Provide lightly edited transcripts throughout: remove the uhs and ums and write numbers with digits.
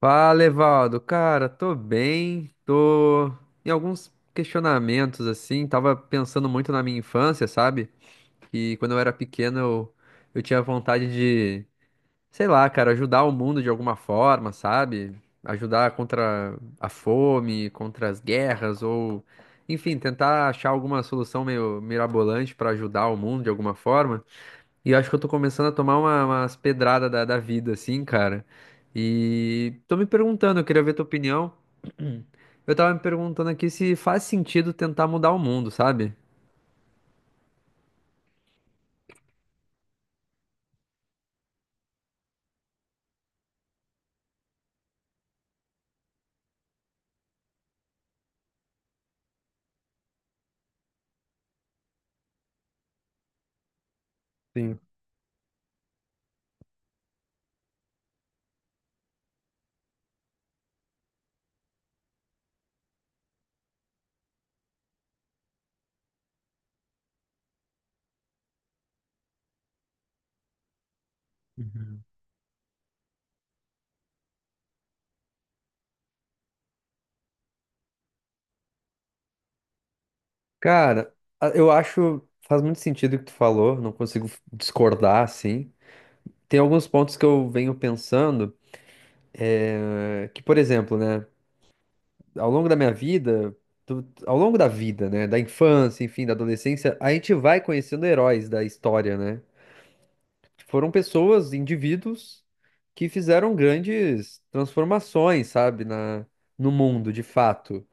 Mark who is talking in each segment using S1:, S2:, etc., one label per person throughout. S1: Fala, Evaldo. Cara, tô bem, tô em alguns questionamentos, assim, tava pensando muito na minha infância, sabe? Que quando eu era pequeno eu tinha vontade sei lá, cara, ajudar o mundo de alguma forma, sabe? Ajudar contra a fome, contra as guerras, ou enfim, tentar achar alguma solução meio mirabolante pra ajudar o mundo de alguma forma. E eu acho que eu tô começando a tomar umas pedradas da vida, assim, cara. E tô me perguntando, eu queria ver tua opinião. Eu tava me perguntando aqui se faz sentido tentar mudar o mundo, sabe? Sim. Uhum. Cara, eu acho faz muito sentido o que tu falou, não consigo discordar assim. Tem alguns pontos que eu venho pensando, que, por exemplo, né, ao longo da minha vida, ao longo da vida, né, da infância, enfim, da adolescência, a gente vai conhecendo heróis da história, né? Foram pessoas, indivíduos, que fizeram grandes transformações, sabe, na, no mundo, de fato.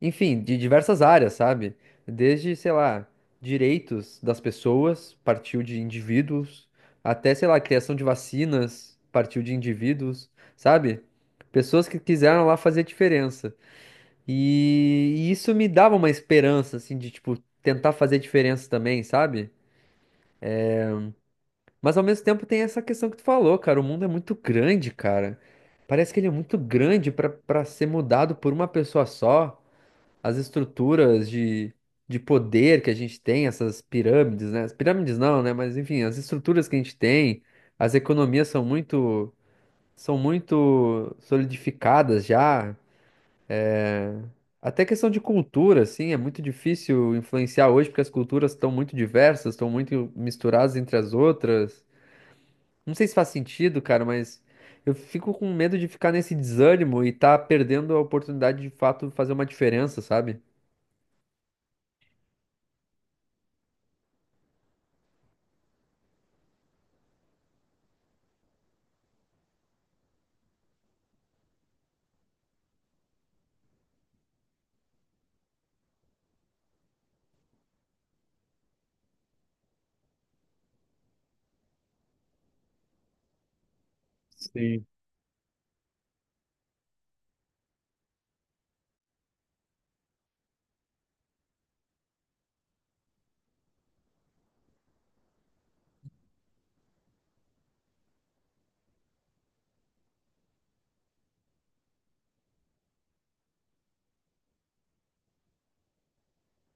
S1: Enfim, de diversas áreas, sabe? Desde, sei lá, direitos das pessoas, partiu de indivíduos, até, sei lá, criação de vacinas, partiu de indivíduos, sabe? Pessoas que quiseram lá fazer diferença. E isso me dava uma esperança, assim, de, tipo, tentar fazer diferença também, sabe? Mas ao mesmo tempo tem essa questão que tu falou, cara. O mundo é muito grande, cara. Parece que ele é muito grande pra para ser mudado por uma pessoa só. As estruturas de poder que a gente tem, essas pirâmides, né? As pirâmides não, né? Mas enfim, as estruturas que a gente tem, as economias são muito solidificadas já. Até questão de cultura, assim, é muito difícil influenciar hoje porque as culturas estão muito diversas, estão muito misturadas entre as outras. Não sei se faz sentido, cara, mas eu fico com medo de ficar nesse desânimo e tá perdendo a oportunidade de fato fazer uma diferença, sabe? Sim.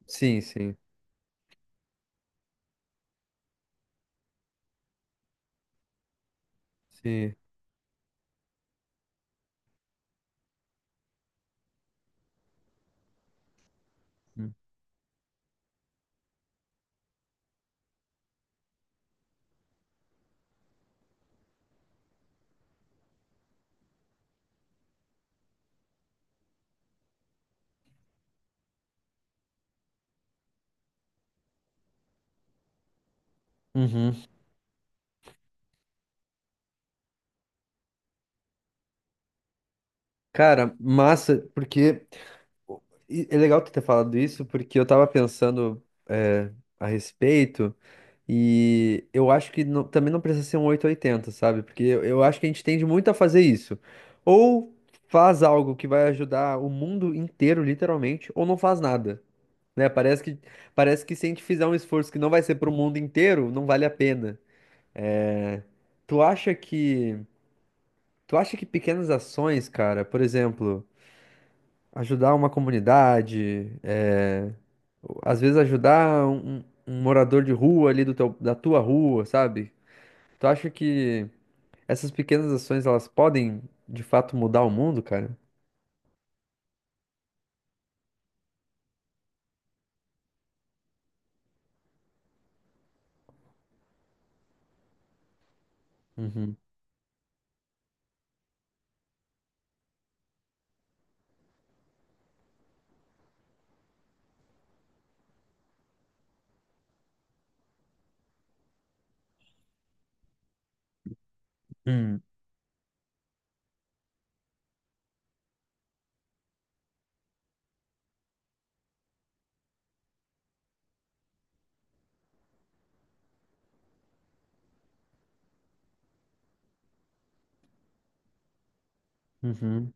S1: Sim, sim, sim. Uhum. Cara, massa, porque e é legal tu ter falado isso, porque eu tava pensando a respeito. E eu acho que também não precisa ser um oito ou oitenta, sabe? Porque eu acho que a gente tende muito a fazer isso. Ou faz algo que vai ajudar o mundo inteiro, literalmente, ou não faz nada. Né? Parece parece que se a gente fizer um esforço que não vai ser para o mundo inteiro, não vale a pena. É, tu acha que, tu acha que pequenas ações, cara, por exemplo, ajudar uma comunidade, às vezes ajudar um morador de rua ali do da tua rua, sabe? Tu acha que essas pequenas ações elas podem de fato mudar o mundo, cara? Uhum. Hum. Uhum.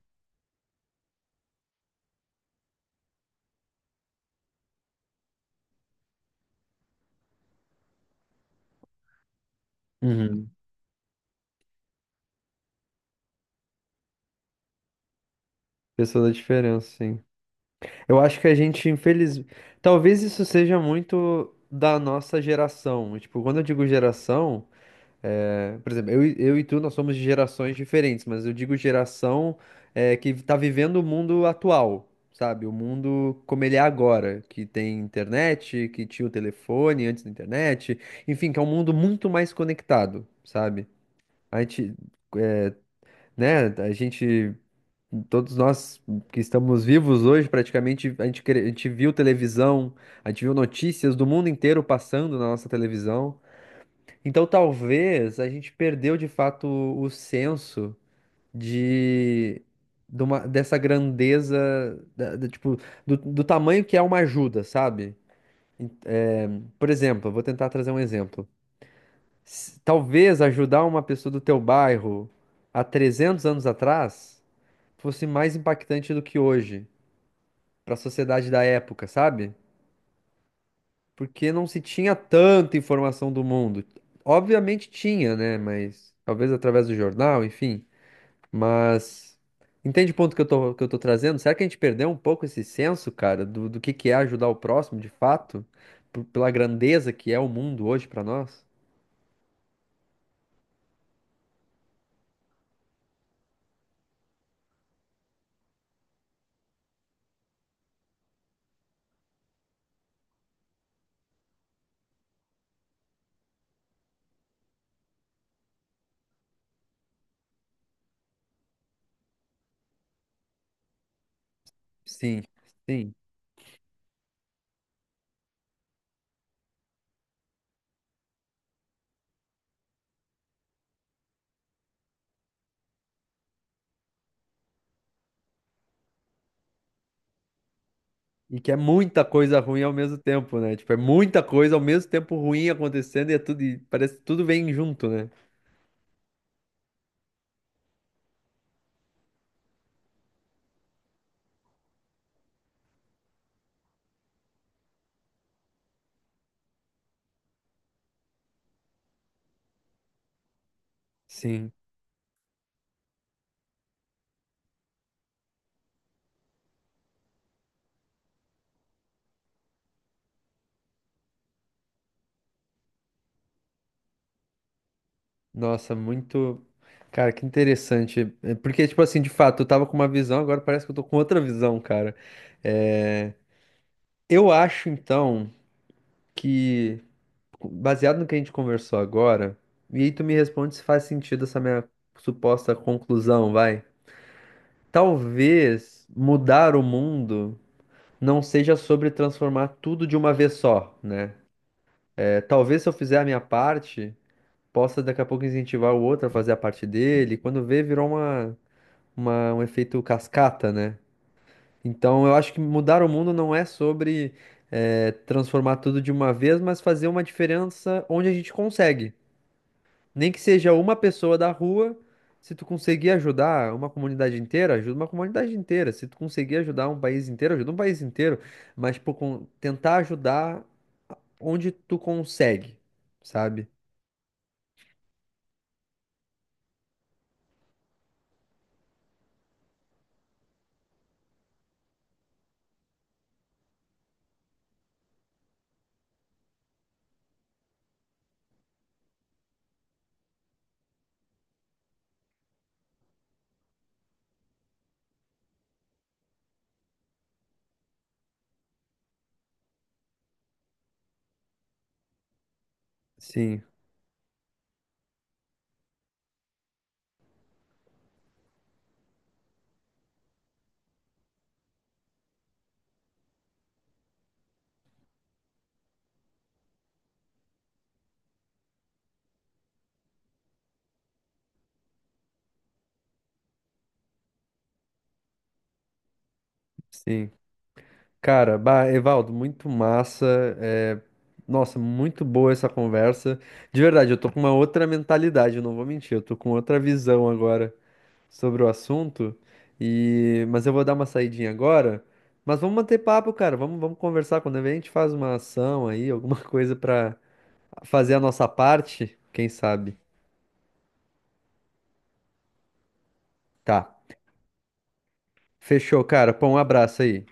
S1: Uhum. Pessoa da diferença, sim. Eu acho que a gente, infeliz... Talvez isso seja muito da nossa geração. Tipo, quando eu digo geração, é, por exemplo, eu e tu, nós somos de gerações diferentes, mas eu digo geração que tá vivendo o mundo atual, sabe? O mundo como ele é agora, que tem internet, que tinha o telefone antes da internet, enfim, que é um mundo muito mais conectado, sabe? A gente, né, a gente todos nós que estamos vivos hoje, praticamente, a gente viu televisão, a gente viu notícias do mundo inteiro passando na nossa televisão. Então, talvez a gente perdeu de fato o senso de, dessa grandeza, tipo, do, do tamanho que é uma ajuda, sabe? Por exemplo, eu vou tentar trazer um exemplo. Talvez ajudar uma pessoa do teu bairro há 300 anos atrás fosse mais impactante do que hoje, para a sociedade da época, sabe? Porque não se tinha tanta informação do mundo. Obviamente tinha, né? Mas talvez através do jornal, enfim. Mas entende o ponto que eu tô trazendo? Será que a gente perdeu um pouco esse senso, cara, do, do que é ajudar o próximo, de fato, pela grandeza que é o mundo hoje para nós? Sim, sim. E que é muita coisa ruim ao mesmo tempo, né? Tipo, é muita coisa ao mesmo tempo ruim acontecendo e é tudo, e parece que tudo vem junto, né? Sim. Nossa, muito. Cara, que interessante. É. Porque, tipo assim, de fato, eu tava com uma visão, agora parece que eu tô com outra visão, cara. É, eu acho, então, que, baseado no que a gente conversou agora, e aí tu me responde se faz sentido essa minha suposta conclusão, vai. Talvez mudar o mundo não seja sobre transformar tudo de uma vez só, né? É, talvez se eu fizer a minha parte, possa daqui a pouco incentivar o outro a fazer a parte dele. Quando vê, virou uma. Uma- um efeito cascata, né? Então eu acho que mudar o mundo não é sobre transformar tudo de uma vez, mas fazer uma diferença onde a gente consegue. Nem que seja uma pessoa da rua, se tu conseguir ajudar uma comunidade inteira, ajuda uma comunidade inteira. Se tu conseguir ajudar um país inteiro, ajuda um país inteiro. Mas tipo, tentar ajudar onde tu consegue, sabe? Sim, sim. Cara, bah, Evaldo, muito massa. É, nossa, muito boa essa conversa. De verdade, eu tô com uma outra mentalidade, eu não vou mentir, eu tô com outra visão agora sobre o assunto. E... mas eu vou dar uma saidinha agora. Mas vamos manter papo, cara. Vamos conversar. Quando a gente faz uma ação aí, alguma coisa pra fazer a nossa parte, quem sabe? Tá. Fechou, cara. Pô, um abraço aí.